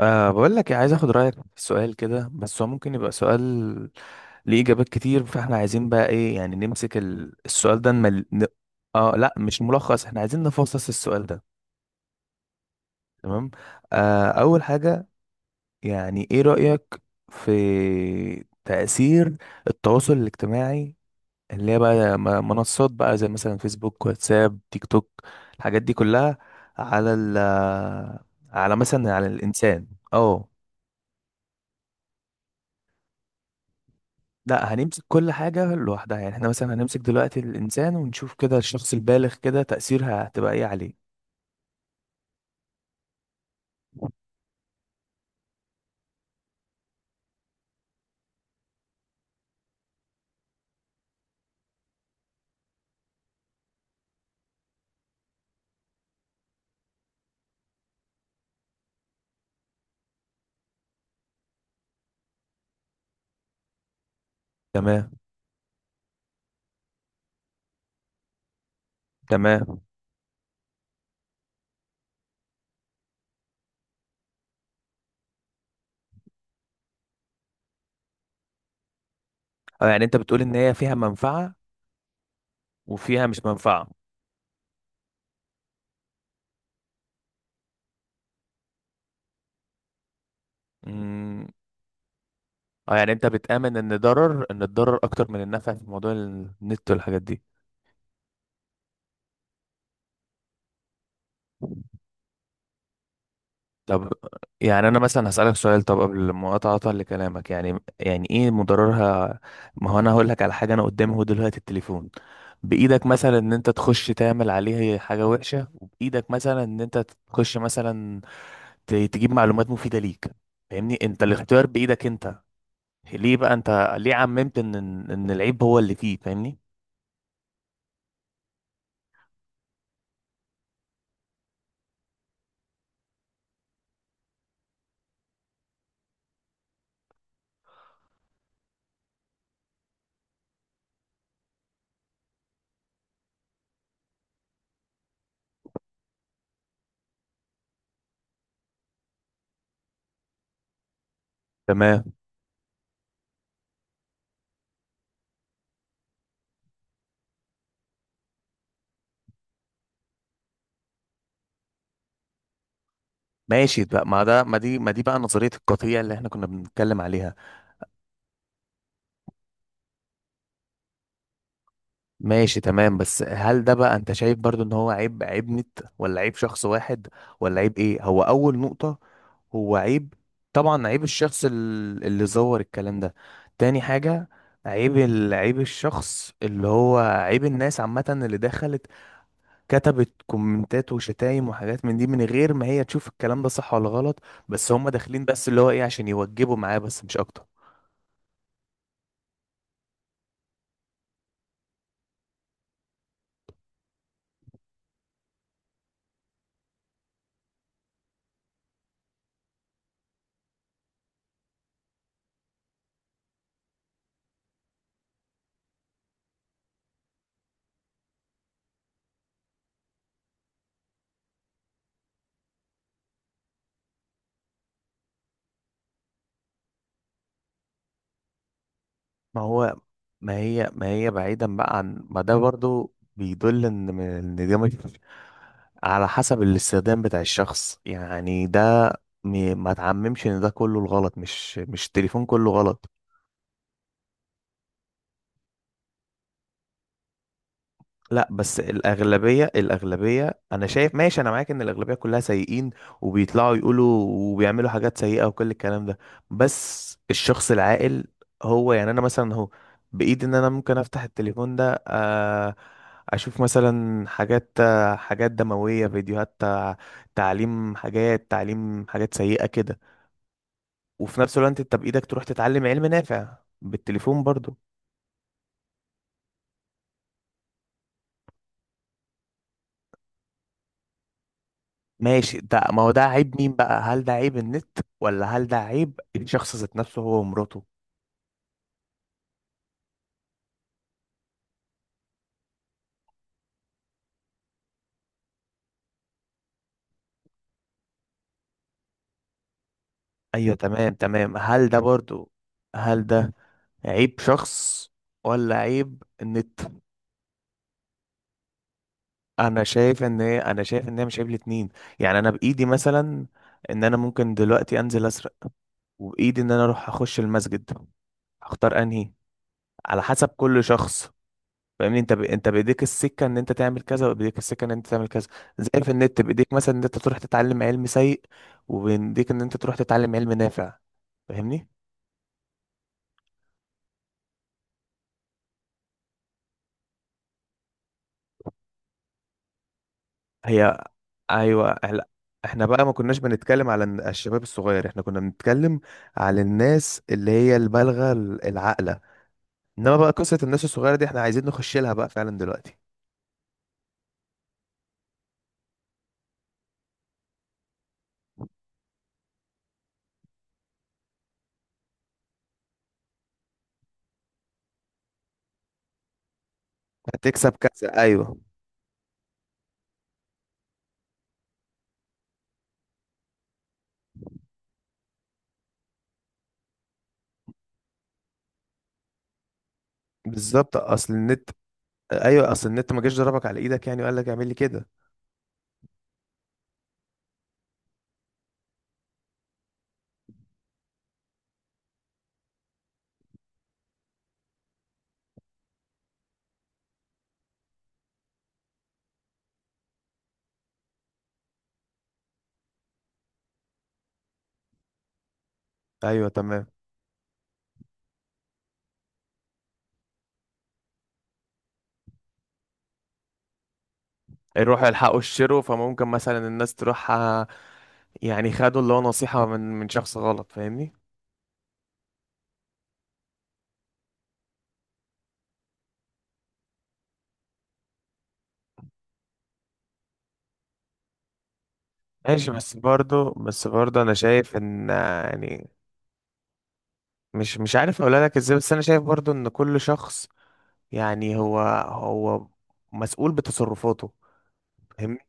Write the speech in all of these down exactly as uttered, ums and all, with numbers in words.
أه بقول لك إيه، عايز اخد رايك في سؤال كده، بس هو ممكن يبقى سؤال ليه اجابات كتير، فاحنا عايزين بقى ايه، يعني نمسك ال- السؤال ده، نمل... ن... اه لا، مش ملخص، احنا عايزين نفصص السؤال ده. تمام. أه اول حاجه، يعني ايه رايك في تاثير التواصل الاجتماعي، اللي هي بقى م- منصات بقى زي مثلا فيسبوك، واتساب، تيك توك، الحاجات دي كلها، على ال على مثلا على الانسان. اه. لا، هنمسك كل حاجة لوحدها، يعني احنا مثلا هنمسك دلوقتي الإنسان ونشوف كده الشخص البالغ، كده تأثيرها هتبقى ايه عليه. تمام. تمام. اه، يعني انت بتقول ان هي فيها منفعة وفيها مش منفعة. امم. اه، يعني انت بتآمن ان ضرر ان الضرر اكتر من النفع في موضوع النت والحاجات دي. طب، يعني انا مثلا هسألك سؤال، طب قبل مقاطعة لكلامك، يعني يعني ايه مضررها؟ ما هو انا هقول لك على حاجة، انا قدامي اهو دلوقتي التليفون بايدك، مثلا ان انت تخش تعمل عليه حاجة وحشة، وبايدك مثلا ان انت تخش مثلا ت- تجيب معلومات مفيدة ليك. فاهمني؟ انت الاختيار بايدك انت. ليه بقى انت ليه عممت ان ان إن العيب هو اللي فيه؟ فاهمني؟ تمام. ماشي بقى، ما ده ما دي ما دي بقى نظرية القطيع اللي احنا كنا بنتكلم عليها. ماشي، تمام. بس هل ده بقى انت شايف برضو ان هو عيب عيب نت، ولا عيب شخص واحد، ولا عيب ايه؟ هو اول نقطة هو عيب، طبعا عيب الشخص ال- اللي زور الكلام ده. تاني حاجة، عيب ال- عيب الشخص اللي هو عيب الناس عامة، اللي دخلت كتبت كومنتات وشتايم وحاجات من دي من غير ما هي تشوف الكلام ده صح ولا غلط، بس هم داخلين بس اللي هو ايه، عشان يوجبوا معاه بس، مش اكتر. ما هو ما هي ما هي بعيدا بقى عن ما ده، برضو بيدل ان ان ده مش على حسب الاستخدام بتاع الشخص، يعني ده م- ما تعممش ان ده كله الغلط، مش مش التليفون كله غلط. لا بس الأغلبية الأغلبية أنا شايف، ماشي، أنا معاك إن الأغلبية كلها سيئين، وبيطلعوا يقولوا وبيعملوا حاجات سيئة وكل الكلام ده. بس الشخص العاقل هو، يعني أنا مثلا، هو بإيدي إن أنا ممكن أفتح التليفون ده، آه، أشوف مثلا حاجات، آه، حاجات دموية، فيديوهات، آه، تعليم حاجات تعليم حاجات سيئة كده. وفي نفس الوقت أنت بإيدك تروح تتعلم علم نافع بالتليفون برضو. ماشي، ده ما هو ده عيب مين بقى؟ هل ده عيب النت، ولا هل ده عيب الشخص ذات نفسه هو ومراته؟ ايوه، تمام، تمام. هل ده برضو هل ده عيب شخص، ولا عيب النت؟ انا شايف ان هي انا شايف ان هي مش عيب الاتنين. يعني انا بايدي مثلا ان انا ممكن دلوقتي انزل اسرق، وبايدي ان انا اروح اخش المسجد، اختار انهي، على حسب كل شخص. فاهمني؟ انت ب... انت بايديك السكه ان انت تعمل كذا، وبايديك السكه ان انت تعمل كذا. زي في النت بايديك مثلا ان انت تروح تتعلم علم سيء، وبايديك ان انت تروح تتعلم علم نافع. فاهمني؟ هي، ايوه. لا، احنا بقى ما كناش بنتكلم على الن- الشباب الصغير، احنا كنا بنتكلم على الناس اللي هي البالغه، ال- العاقله. انما بقى قصه الناس الصغيره دي احنا عايزين نخش لها بقى فعلا دلوقتي. هتكسب كذا، ايوه. بالظبط، اصل النت ايوه، اصل النت ما جاش ضربك على ايدك يعني وقال لك اعمل لي كده. ايوه تمام. يروحوا يلحقوا الشرو، فممكن مثلا الناس تروح، آه، يعني خدوا اللي هو نصيحة من من شخص غلط. فاهمني؟ ماشي، بس برضه، بس برضه انا شايف ان، آه، يعني مش مش عارف اقولها لك ازاي، بس انا شايف برضه ان كل شخص، يعني هو هو مسؤول بتصرفاته. فاهمني؟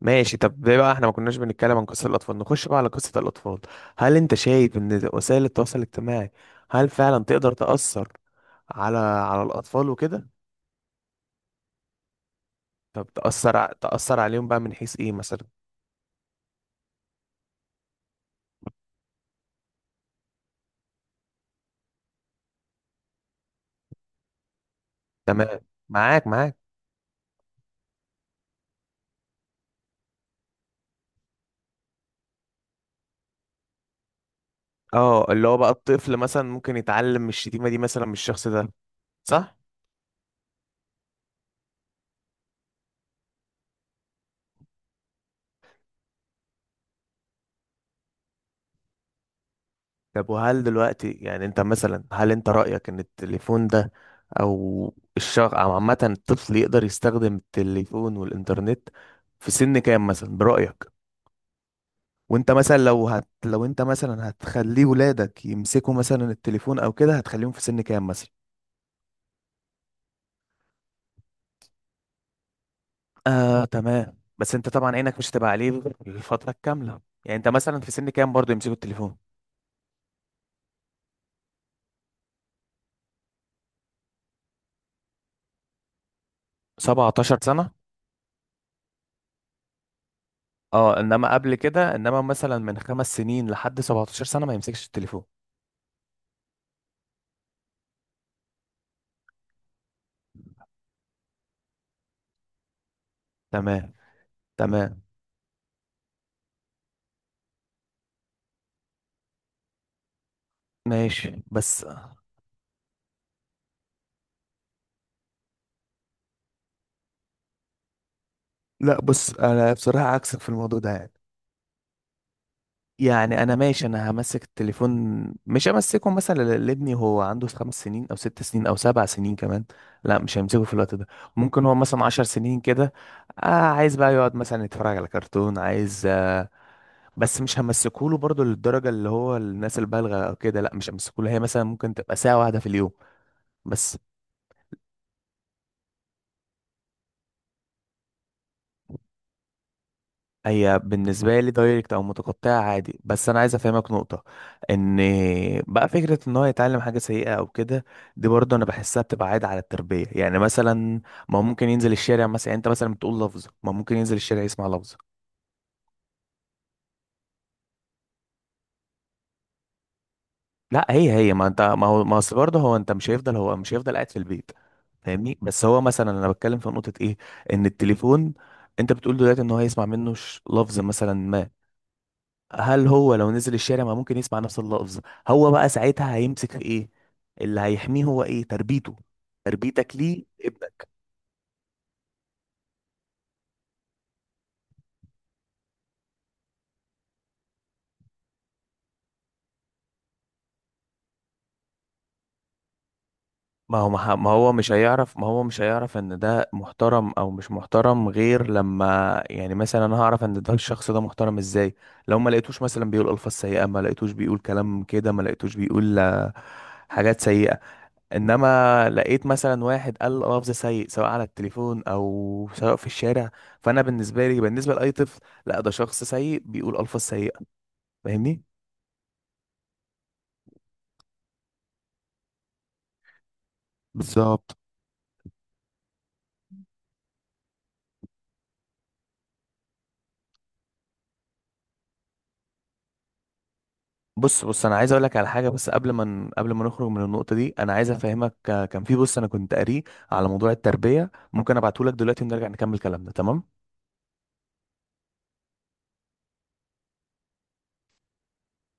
ماشي. طب ليه بقى احنا ما كناش بنتكلم عن قصة الاطفال؟ نخش بقى على قصة الاطفال. هل انت شايف ان وسائل التواصل الاجتماعي هل فعلا تقدر تأثر على على الاطفال وكده؟ طب تأثر، ع- تأثر عليهم بقى من حيث ايه مثلا؟ تمام. معاك، معاك. اه، اللي هو بقى الطفل مثلا ممكن يتعلم من الشتيمة دي مثلا من الشخص ده، صح. طب وهل دلوقتي، يعني انت مثلا، هل انت رأيك ان التليفون ده، او الشخص، او عامة الطفل يقدر يستخدم التليفون والانترنت في سن كام مثلا برأيك؟ وانت مثلا لو هت لو انت مثلا هتخليه ولادك يمسكوا مثلا التليفون او كده، هتخليهم في سن كام مثلا؟ آه تمام، بس انت طبعا عينك مش هتبقى عليه الفترة الكاملة. يعني انت مثلا في سن كام برضه يمسكوا التليفون؟ سبعتاشر سنة؟ اه، انما قبل كده، انما مثلا من خمس سنين لحد سبعة عشر سنة ما يمسكش التليفون؟ تمام. تمام. ماشي بس. لا، بص، انا بصراحة عكسك في الموضوع ده. يعني يعني انا ماشي، انا همسك التليفون، مش همسكه مثلا ل- لابني هو عنده خمس سنين او ست سنين او سبع سنين كمان، لا مش همسكه في الوقت ده. ممكن هو مثلا عشر سنين كده، آه عايز بقى يقعد مثلا يتفرج على كرتون، عايز آه بس مش همسكه له برضه للدرجه اللي هو الناس البالغه او كده، لا مش همسكه له، هي مثلا ممكن تبقى ساعه واحده في اليوم بس. هي بالنسبة لي دايركت أو متقطعة عادي، بس أنا عايز أفهمك نقطة، إن بقى فكرة إن هو يتعلم حاجة سيئة أو كده، دي برضه أنا بحسها بتبقى عادة على التربية، يعني مثلا ما هو ممكن ينزل الشارع مثلا، يعني أنت مثلا بتقول لفظة، ما هو ممكن ينزل الشارع يسمع لفظة. لا، هي هي ما أنت، ما هو ما أصل برضه هو، أنت مش هيفضل هو مش هيفضل قاعد في البيت. فاهمني؟ بس هو مثلا، أنا بتكلم في نقطة إيه، إن التليفون، أنت بتقول دلوقتي إن هو هيسمع منه ش- لفظ مثلا ما. هل هو لو نزل الشارع ما ممكن يسمع نفس اللفظ؟ هو بقى ساعتها هيمسك في ايه؟ اللي هيحميه هو ايه؟ تربيته، تربيتك ليه ابنك. ما هو ما ما هو مش هيعرف ما هو مش هيعرف ان ده محترم او مش محترم غير لما، يعني مثلا انا هعرف ان ده الشخص ده محترم ازاي؟ لو ما لقيتوش مثلا بيقول الفاظ سيئة، ما لقيتوش بيقول كلام كده، ما لقيتوش بيقول، آه، حاجات سيئة، انما لقيت مثلا واحد قال لفظ سيء، سواء على التليفون او سواء في الشارع، فانا بالنسبه لي، بالنسبه لاي طفل، لا ده شخص سيء بيقول الفاظ سيئه. فاهمني؟ بالظبط. بص بص، انا عايز اقول لك على حاجه، بس قبل ما ن- قبل ما نخرج من النقطه دي، انا عايز افهمك، آه، كان في بص انا كنت قاريه على موضوع التربيه، ممكن ابعته لك دلوقتي ونرجع نكمل كلامنا. تمام.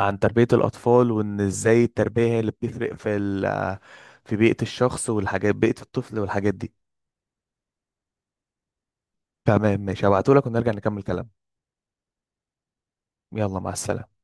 عن تربيه الاطفال، وان ازاي التربيه هي اللي بتفرق في ال آه، في بيئه الشخص والحاجات بيئه الطفل والحاجات دي. تمام، ماشي، هبعته لك ونرجع نكمل كلامنا. يلا، مع السلامة.